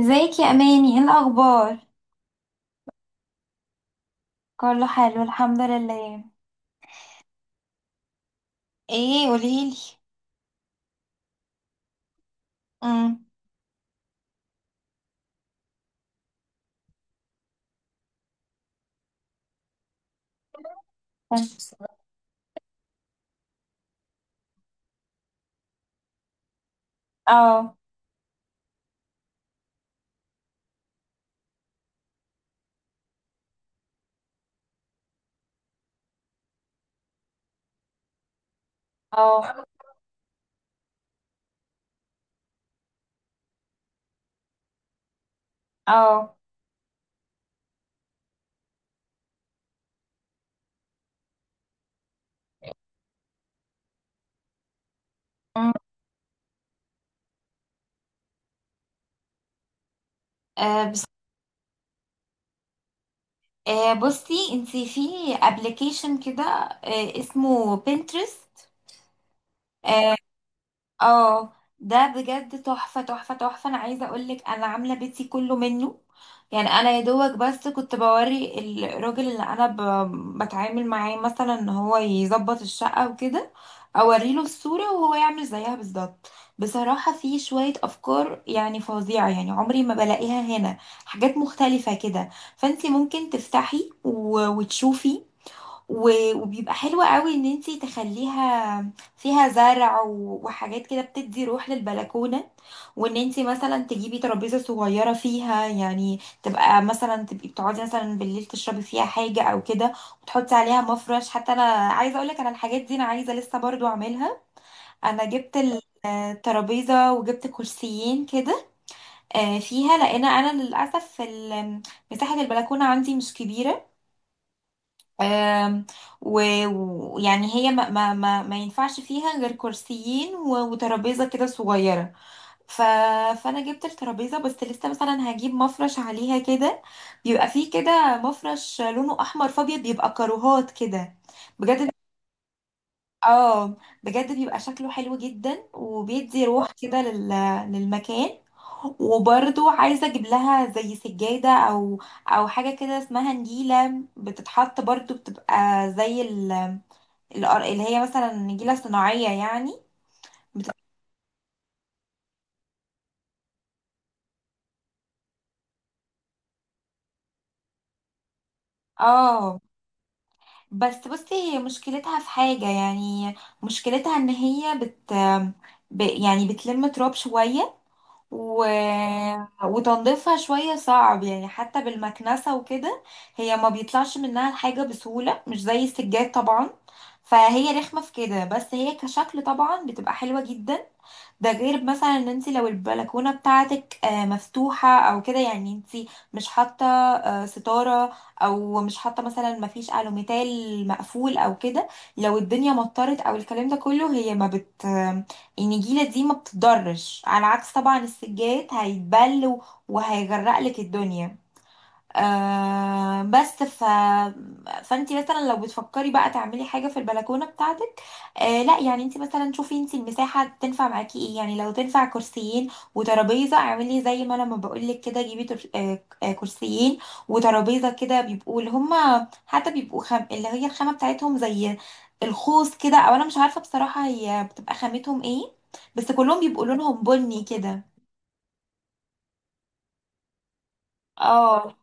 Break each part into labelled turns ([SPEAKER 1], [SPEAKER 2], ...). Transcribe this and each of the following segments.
[SPEAKER 1] ازيك يا اماني؟ ايه الاخبار؟ كله حلو الحمد لله. ايه؟ قوليلي. امم اه. اه. اه. أمم. آه، بس. آه، بصي انتي في ابلكيشن كده، آه, اسمه بنترست. اه، ده بجد تحفة. انا عايزة اقولك انا عاملة بيتي كله منه. يعني انا يا دوبك بس كنت بوري الراجل اللي بتعامل معاه، مثلا ان هو يظبط الشقة وكده، اوريله الصورة وهو يعمل زيها بالظبط. بصراحة في شوية افكار يعني فظيعة، يعني عمري ما بلاقيها هنا، حاجات مختلفة كده. فانتي ممكن وتشوفي. وبيبقى حلو قوي ان انتي تخليها فيها زرع، وحاجات كده بتدي روح للبلكونة. وان انتي مثلا تجيبي ترابيزة صغيرة فيها، يعني تبقى مثلا بتقعدي مثلا بالليل تشربي فيها حاجة او كده، وتحطي عليها مفرش. حتى انا عايزة اقولك انا الحاجات دي انا عايزة لسه برضو اعملها. انا جبت ترابيزة، وجبت كرسيين كده، فيها. لان انا للاسف مساحة البلكونة عندي مش كبيرة. آم، ويعني هي ما ينفعش فيها غير كرسيين وترابيزة كده صغيرة. ف... فأنا جبت الترابيزة، بس لسه مثلا هجيب مفرش عليها كده، بيبقى فيه كده مفرش لونه أحمر فأبيض، بيبقى كاروهات كده. بجد. اه. بجد بيبقى شكله حلو جدا، وبيدي روح كده للمكان. وبرضو عايزة اجيب لها زي سجادة او او حاجة كده اسمها نجيلة، بتتحط برضو، بتبقى زي اللي هي مثلا نجيلة صناعية يعني. بت... اه. بس بصي هي مشكلتها في حاجة يعني، مشكلتها ان هي يعني بتلم تراب شوية، و... وتنظيفها شوية صعب يعني، حتى بالمكنسة وكده هي ما بيطلعش منها الحاجة بسهولة، مش زي السجاد طبعا. فهي رخمة في كده، بس هي كشكل طبعا بتبقى حلوة جدا. ده غير مثلا ان انت لو البلكونه بتاعتك آه، مفتوحه او كده، يعني انت مش حاطه آه، ستاره، او مش حاطه مثلا، مفيش الوميتال مقفول او كده، لو الدنيا مطرت او الكلام ده كله، هي ما بت آه، النجيله دي ما بتضرش. على عكس طبعا السجاد، هيتبل وهيغرقلك الدنيا. آه. بس فانت مثلا لو بتفكري بقى تعملي حاجه في البلكونه بتاعتك، آه لا يعني انت مثلا شوفي انت المساحه تنفع معاكي ايه. يعني لو تنفع كرسيين وترابيزه اعملي، زي ما لما بقول لك كده، جيبي تر... آه آه، كرسيين وترابيزه كده، بيبقوا اللي هما حتى بيبقوا اللي هي الخامه بتاعتهم زي الخوص كده، او انا مش عارفه بصراحه هي بتبقى خامتهم ايه، بس كلهم بيبقوا لونهم بني كده. اه.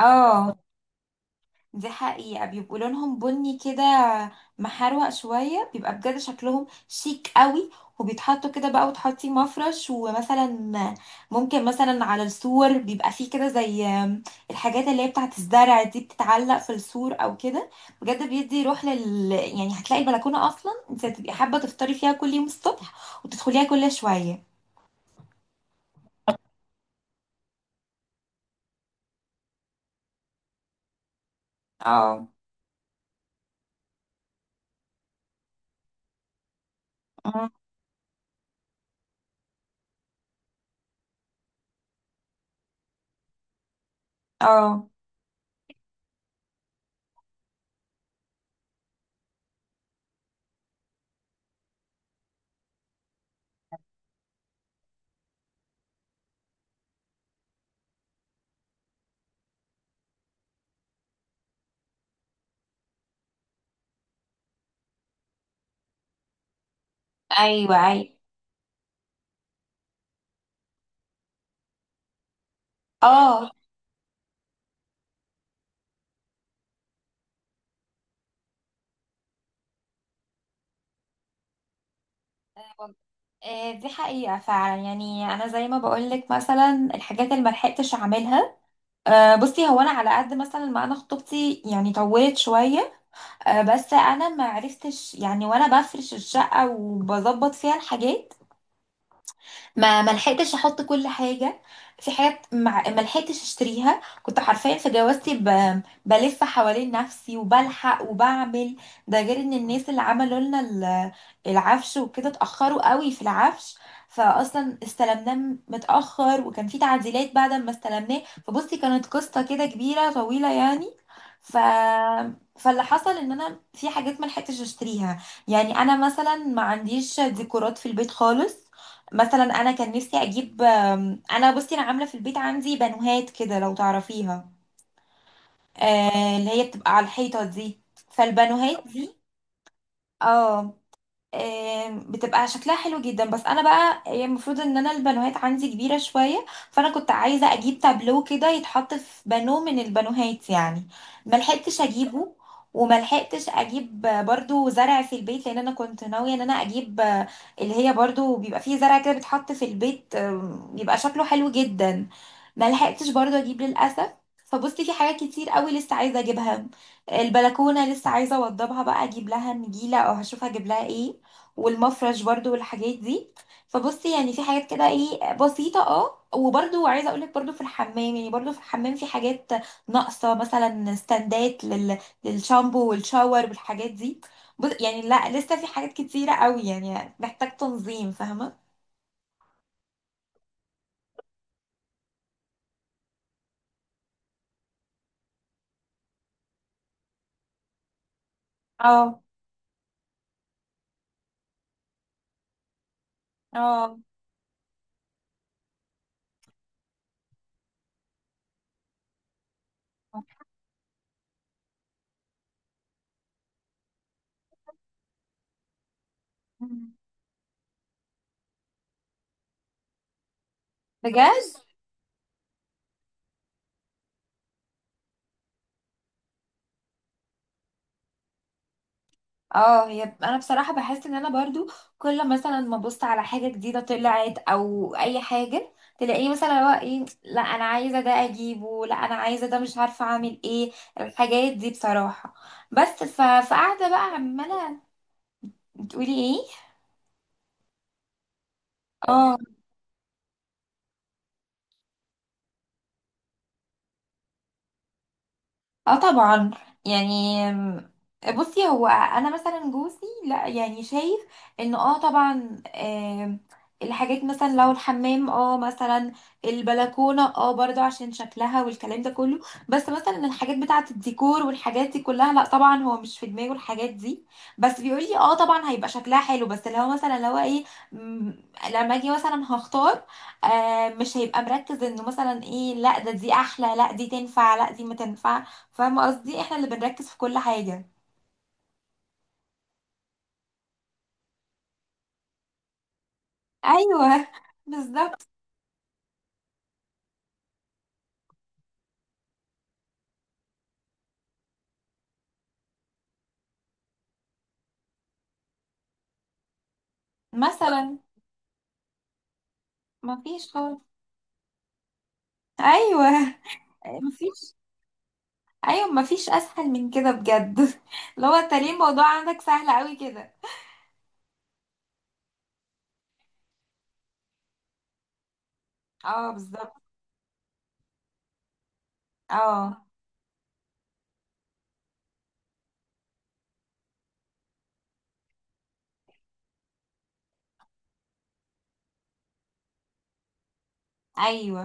[SPEAKER 1] اه، دي حقيقة، بيبقوا لونهم بني كده محروق شوية، بيبقى بجد شكلهم شيك قوي. وبيتحطوا كده بقى، وتحطي مفرش، ومثلا ممكن مثلا على السور بيبقى فيه كده زي الحاجات اللي هي بتاعت الزرع دي، بتتعلق في السور او كده. بجد بيدي روح لل، يعني هتلاقي البلكونة اصلا انت هتبقي حابة تفطري فيها كل يوم الصبح، وتدخليها كل شوية. اه. اه. ايوه ايوه. اه. آه، دي حقيقة فعلا. يعني أنا زي ما بقولك، مثلا الحاجات اللي ملحقتش أعملها، آه، بصي هو أنا على قد مثلا ما أنا خطوبتي يعني طولت شوية، آه، بس أنا ما عرفتش يعني وأنا بفرش الشقة وبظبط فيها الحاجات ما لحقتش احط كل حاجه. في حاجات ما لحقتش اشتريها، كنت حرفيا في جوازتي بلف حوالين نفسي وبلحق وبعمل. ده غير ان الناس اللي عملوا لنا العفش وكده اتاخروا قوي في العفش، فاصلا استلمناه متاخر، وكان في تعديلات بعد ما استلمناه. فبصي كانت قصه كده كبيره طويله يعني. ف فاللي حصل ان انا في حاجات ما لحقتش اشتريها. يعني انا مثلا ما عنديش ديكورات في البيت خالص. مثلا انا كان نفسي اجيب آم، انا بصي انا عامله في البيت عندي بانوهات كده لو تعرفيها، آه، اللي هي بتبقى على الحيطه دي. فالبانوهات دي اه آم، بتبقى شكلها حلو جدا. بس انا بقى هي المفروض ان انا البانوهات عندي كبيره شويه، فانا كنت عايزه اجيب تابلو كده يتحط في بانو من البانوهات يعني. ملحقتش اجيبه. وملحقتش اجيب برضو زرع في البيت، لان انا كنت ناويه ان انا اجيب آه، اللي هي برضو بيبقى فيه زرع كده بيتحط في البيت آم، بيبقى شكله حلو جدا. ملحقتش برضو اجيب للاسف. فبصي في حاجات كتير قوي لسه عايزه اجيبها. البلكونه لسه عايزه اوضبها بقى، اجيب لها نجيله او هشوف هجيب لها ايه، والمفرش برضو والحاجات دي. فبصي يعني في حاجات كده ايه بسيطة. اه، وبرضو عايزة اقولك، برضو في الحمام، يعني برضو في الحمام في حاجات ناقصة، مثلا ستاندات للشامبو والشاور والحاجات دي. بص يعني لا، لسه في حاجات كتيرة قوي يعني، محتاج تنظيم، فاهمة. اه. اه. بجد. اه، هي انا بصراحه بحس ان انا برضو كل مثلا ما ابص على حاجه جديده طلعت او اي حاجه، تلاقيه مثلا هو ايه، لا انا عايزه ده اجيبه، لا انا عايزه ده، مش عارفه اعمل ايه الحاجات دي بصراحه. بس فقاعده بقى عماله. بتقولي ايه؟ اه. اه طبعا. يعني أم، بصي هو انا مثلا جوزي لا يعني شايف انه اه طبعا آم، الحاجات مثلا لو الحمام اه مثلا، البلكونه اه برضو عشان شكلها والكلام ده كله، بس مثلا الحاجات بتاعه الديكور والحاجات دي كلها لا طبعا هو مش في دماغه الحاجات دي. بس بيقول لي اه طبعا هيبقى شكلها حلو، بس اللي هو مثلا لو ايه مم، لما اجي مثلا هختار آه مش هيبقى مركز انه مثلا ايه، لا ده، دي احلى، لا دي تنفع، لا دي ما تنفعش. فاهمة قصدي، احنا اللي بنركز في كل حاجة. ايوه، بالظبط. مثلا، مفيش خالص. ايوه مفيش. ايوه مفيش اسهل من كده بجد. لو انت ليه الموضوع عندك سهل قوي كده؟ اه بالظبط. اه. ايوه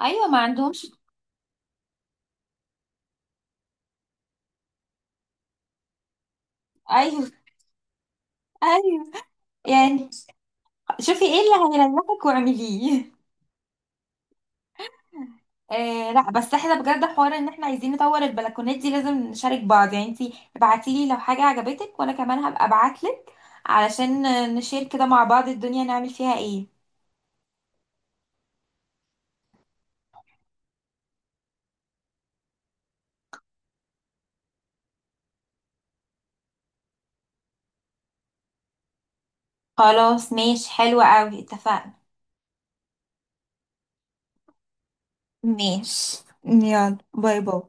[SPEAKER 1] ايوه. ما عندهمش. ايوه. ايوه. يعني شوفي ايه اللي هيريحك واعمليه. آه لا، بس احنا بجد حوار ان احنا عايزين نطور البلكونات دي لازم نشارك بعض، يعني انتي ابعتيلي لو حاجة عجبتك، وانا كمان هبقى ابعتلك، علشان نشير كده مع بعض الدنيا نعمل فيها ايه. خلاص ماشي، حلوة قوي، اتفقنا. ماشي يلا، باي باي.